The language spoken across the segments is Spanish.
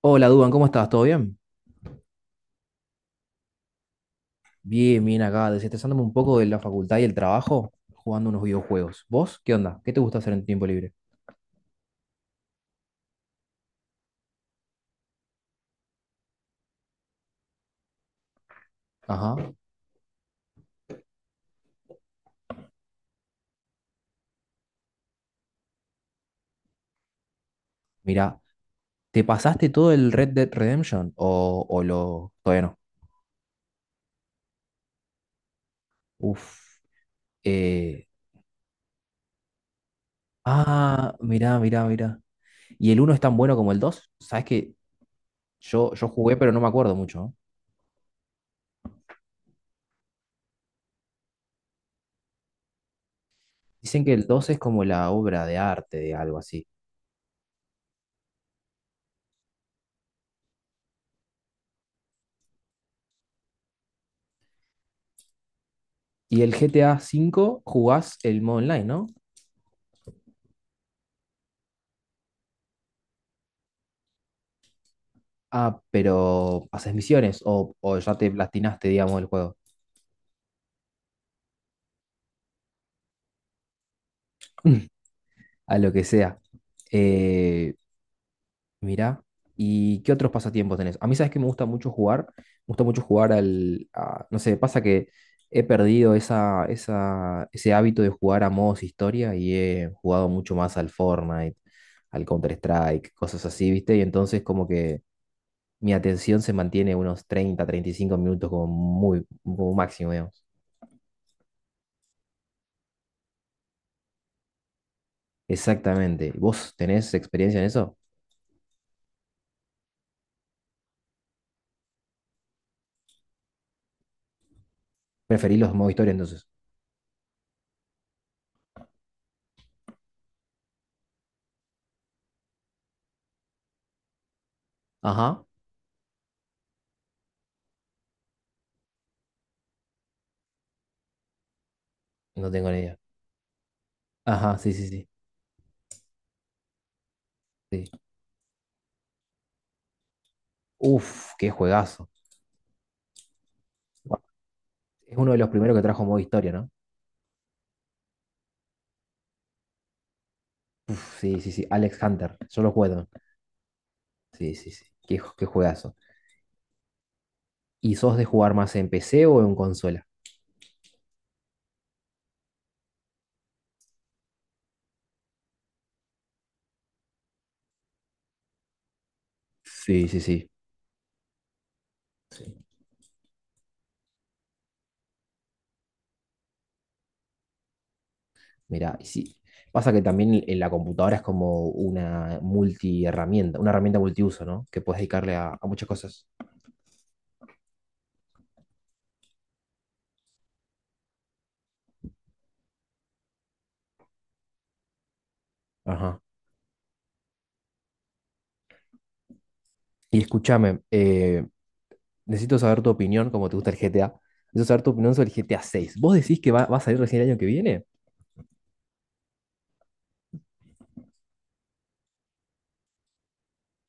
Hola, Duban, ¿cómo estás? ¿Todo bien? Bien, bien acá, desestresándome un poco de la facultad y el trabajo, jugando unos videojuegos. ¿Vos? ¿Qué onda? ¿Qué te gusta hacer en tu tiempo libre? Ajá. Mira, ¿te pasaste todo el Red Dead Redemption o todavía no? Uf. Eh... Ah, mirá, mirá, mirá. ¿Y el uno es tan bueno como el 2? Sabes que yo jugué, pero no me acuerdo mucho, ¿no? Dicen que el 2 es como la obra de arte, de algo así. Y el GTA V jugás el modo online, ¿no? Ah, pero haces misiones o ya te platinaste, digamos, el juego. A lo que sea. Eh, mirá. ¿Y qué otros pasatiempos tenés? A mí, sabes que me gusta mucho jugar. Me gusta mucho jugar no sé, pasa que he perdido ese hábito de jugar a modos historia, y he jugado mucho más al Fortnite, al Counter-Strike, cosas así, ¿viste? Y entonces, como que mi atención se mantiene unos treinta y cinco minutos como muy, como máximo. Exactamente. ¿Vos tenés experiencia en eso? Preferís los modo historia entonces. Ajá, no tengo ni idea. Ajá, sí, sí, sí. Sí. Uf, qué juegazo. Bueno, es uno de los primeros que trajo modo historia, ¿no? Uf, sí, sí, sí. Alex Hunter. Yo lo juego también. Sí, sí, sí. Qué, qué juegazo. ¿Y sos de jugar más en PC o en consola? Sí, sí, sí. Mira, sí. Pasa que también en la computadora es como una multiherramienta, una herramienta multiuso, ¿no? Que puedes dedicarle a muchas cosas. Ajá. Y escúchame, necesito saber tu opinión, como te gusta el GTA. Necesito saber tu opinión sobre el GTA 6. ¿Vos decís que va a salir recién el año que viene?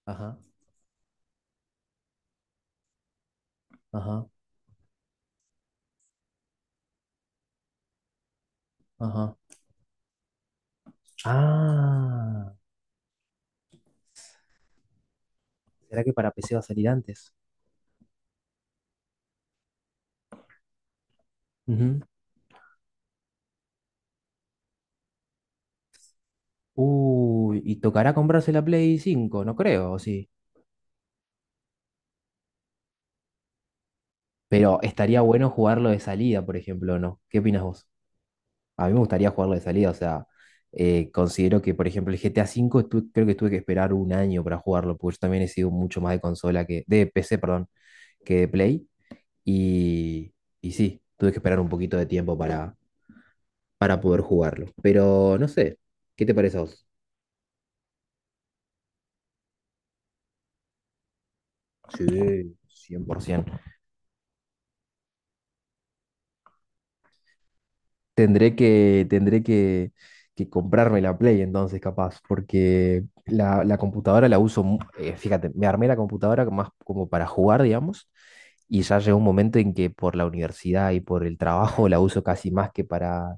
Ajá, ajá, ajá. Ah, ¿será que para PC va a salir antes? Ujú. ¿Uy, y tocará comprarse la Play 5? No creo, ¿o sí? Pero estaría bueno jugarlo de salida, por ejemplo, ¿no? ¿Qué opinas vos? A mí me gustaría jugarlo de salida, o sea, considero que, por ejemplo, el GTA 5, creo que tuve que esperar 1 año para jugarlo, porque yo también he sido mucho más de consola que, de PC, perdón, que de Play. Y, y sí, tuve que esperar un poquito de tiempo para poder jugarlo. Pero no sé, ¿qué te parece a vos? Sí, 100%. Tendré que comprarme la Play entonces, capaz, porque la computadora la uso, fíjate, me armé la computadora más como para jugar, digamos, y ya llegó un momento en que por la universidad y por el trabajo la uso casi más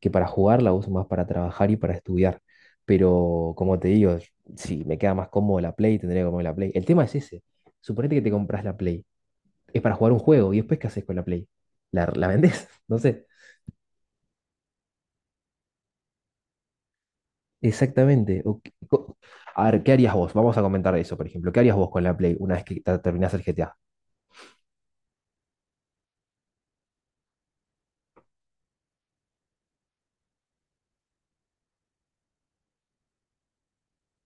que para jugar, la uso más para trabajar y para estudiar. Pero como te digo, si me queda más cómodo la Play, tendría que comer la Play. El tema es ese. Suponete que te compras la Play. Es para jugar un juego y después, ¿qué haces con la Play? ¿La vendés? No sé. Exactamente. A ver, ¿qué harías vos? Vamos a comentar eso, por ejemplo. ¿Qué harías vos con la Play una vez que terminás el GTA?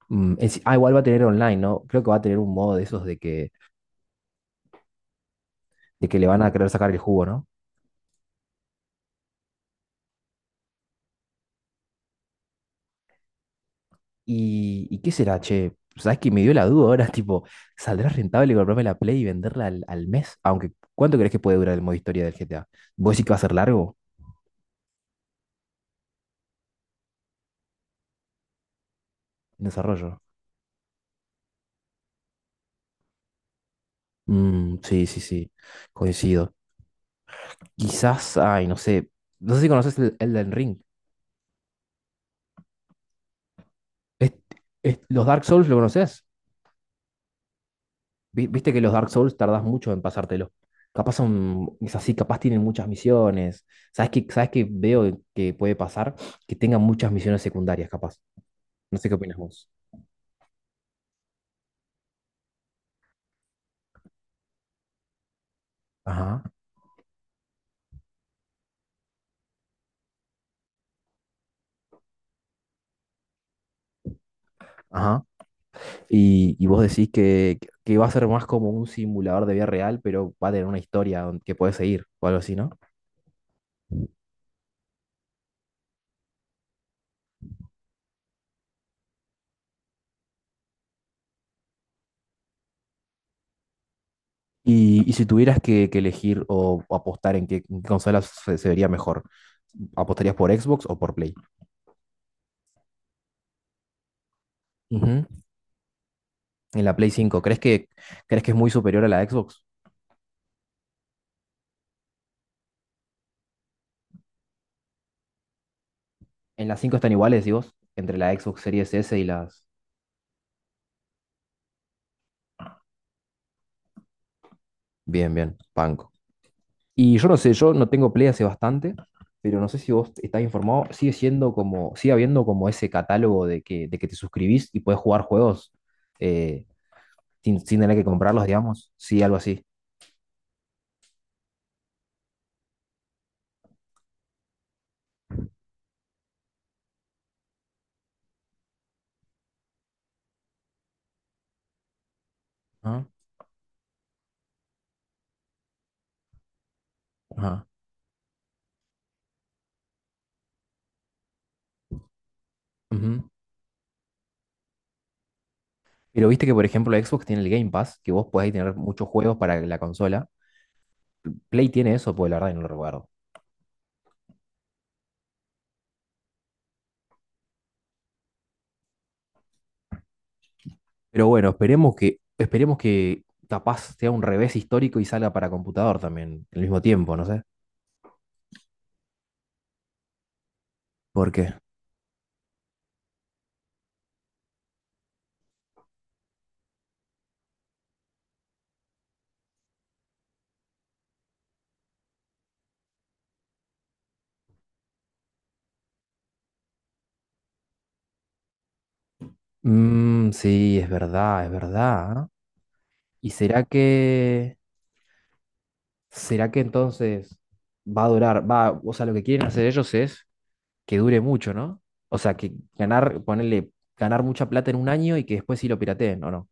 Igual va a tener online, ¿no? Creo que va a tener un modo de esos de que le van a querer sacar el jugo, ¿no? Y qué será, che? ¿Sabes que me dio la duda ahora? Tipo, ¿saldrá rentable comprarme la Play y venderla al, al mes? Aunque, ¿cuánto crees que puede durar el modo historia del GTA? ¿Vos decís que va a ser largo? En desarrollo. Mm, sí, sí, sí. Coincido. Quizás, ay, no sé. No sé si conoces el Elden Ring. Es- ¿Los Dark Souls lo conoces? Viste que los Dark Souls tardás mucho en pasártelo. Capaz son, es así, capaz tienen muchas misiones. Sabes qué veo que puede pasar? Que tengan muchas misiones secundarias, capaz. No sé qué opinas vos. Ajá, ajá. Y vos decís que va a ser más como un simulador de vida real, pero va a tener una historia que puedes seguir o algo así, ¿no? Y si tuvieras que elegir o apostar en qué consola se, se vería mejor, ¿apostarías por Xbox o por Play? Ujú. En la Play 5, crees que es muy superior a la Xbox? En las 5 están iguales, ¿y vos? Entre la Xbox Series S y las... Bien, bien, banco. Y yo no sé, yo no tengo Play hace bastante, pero no sé si vos estás informado, sigue siendo como, sigue habiendo como ese catálogo de que te suscribís y puedes jugar juegos, eh, sin, sin tener que comprarlos, digamos. Sí, algo así. Ajá. Ajá, ujú. Pero viste que, por ejemplo, Xbox tiene el Game Pass, que vos podés tener muchos juegos para la consola. Play tiene eso, pues la verdad que no lo recuerdo. Pero bueno, esperemos que capaz sea un revés histórico y salga para computador también, al mismo tiempo, no sé. ¿Por qué? Mm, sí, es verdad, es verdad, ¿ah? ¿Y será que entonces va a durar? Va, o sea, lo que quieren hacer ellos es que dure mucho, ¿no? O sea, que ganar, ponerle, ganar mucha plata en 1 año y que después sí lo pirateen, ¿o no?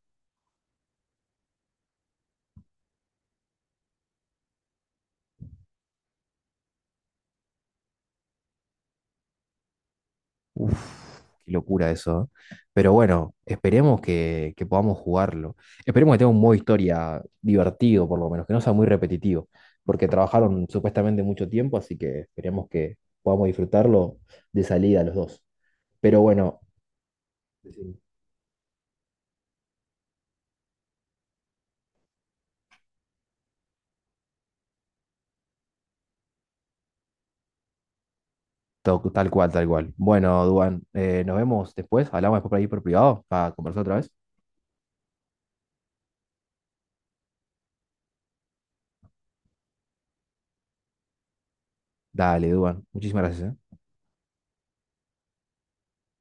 Uf, qué locura eso, ¿eh? Pero bueno, esperemos que podamos jugarlo. Esperemos que tenga un modo historia divertido, por lo menos, que no sea muy repetitivo, porque trabajaron supuestamente mucho tiempo, así que esperemos que podamos disfrutarlo de salida los dos. Pero bueno, decime. To- tal cual, tal cual. Bueno, Duan, nos vemos después. Hablamos después por ahí por privado para conversar otra vez. Dale, Duan. Muchísimas gracias, ¿eh?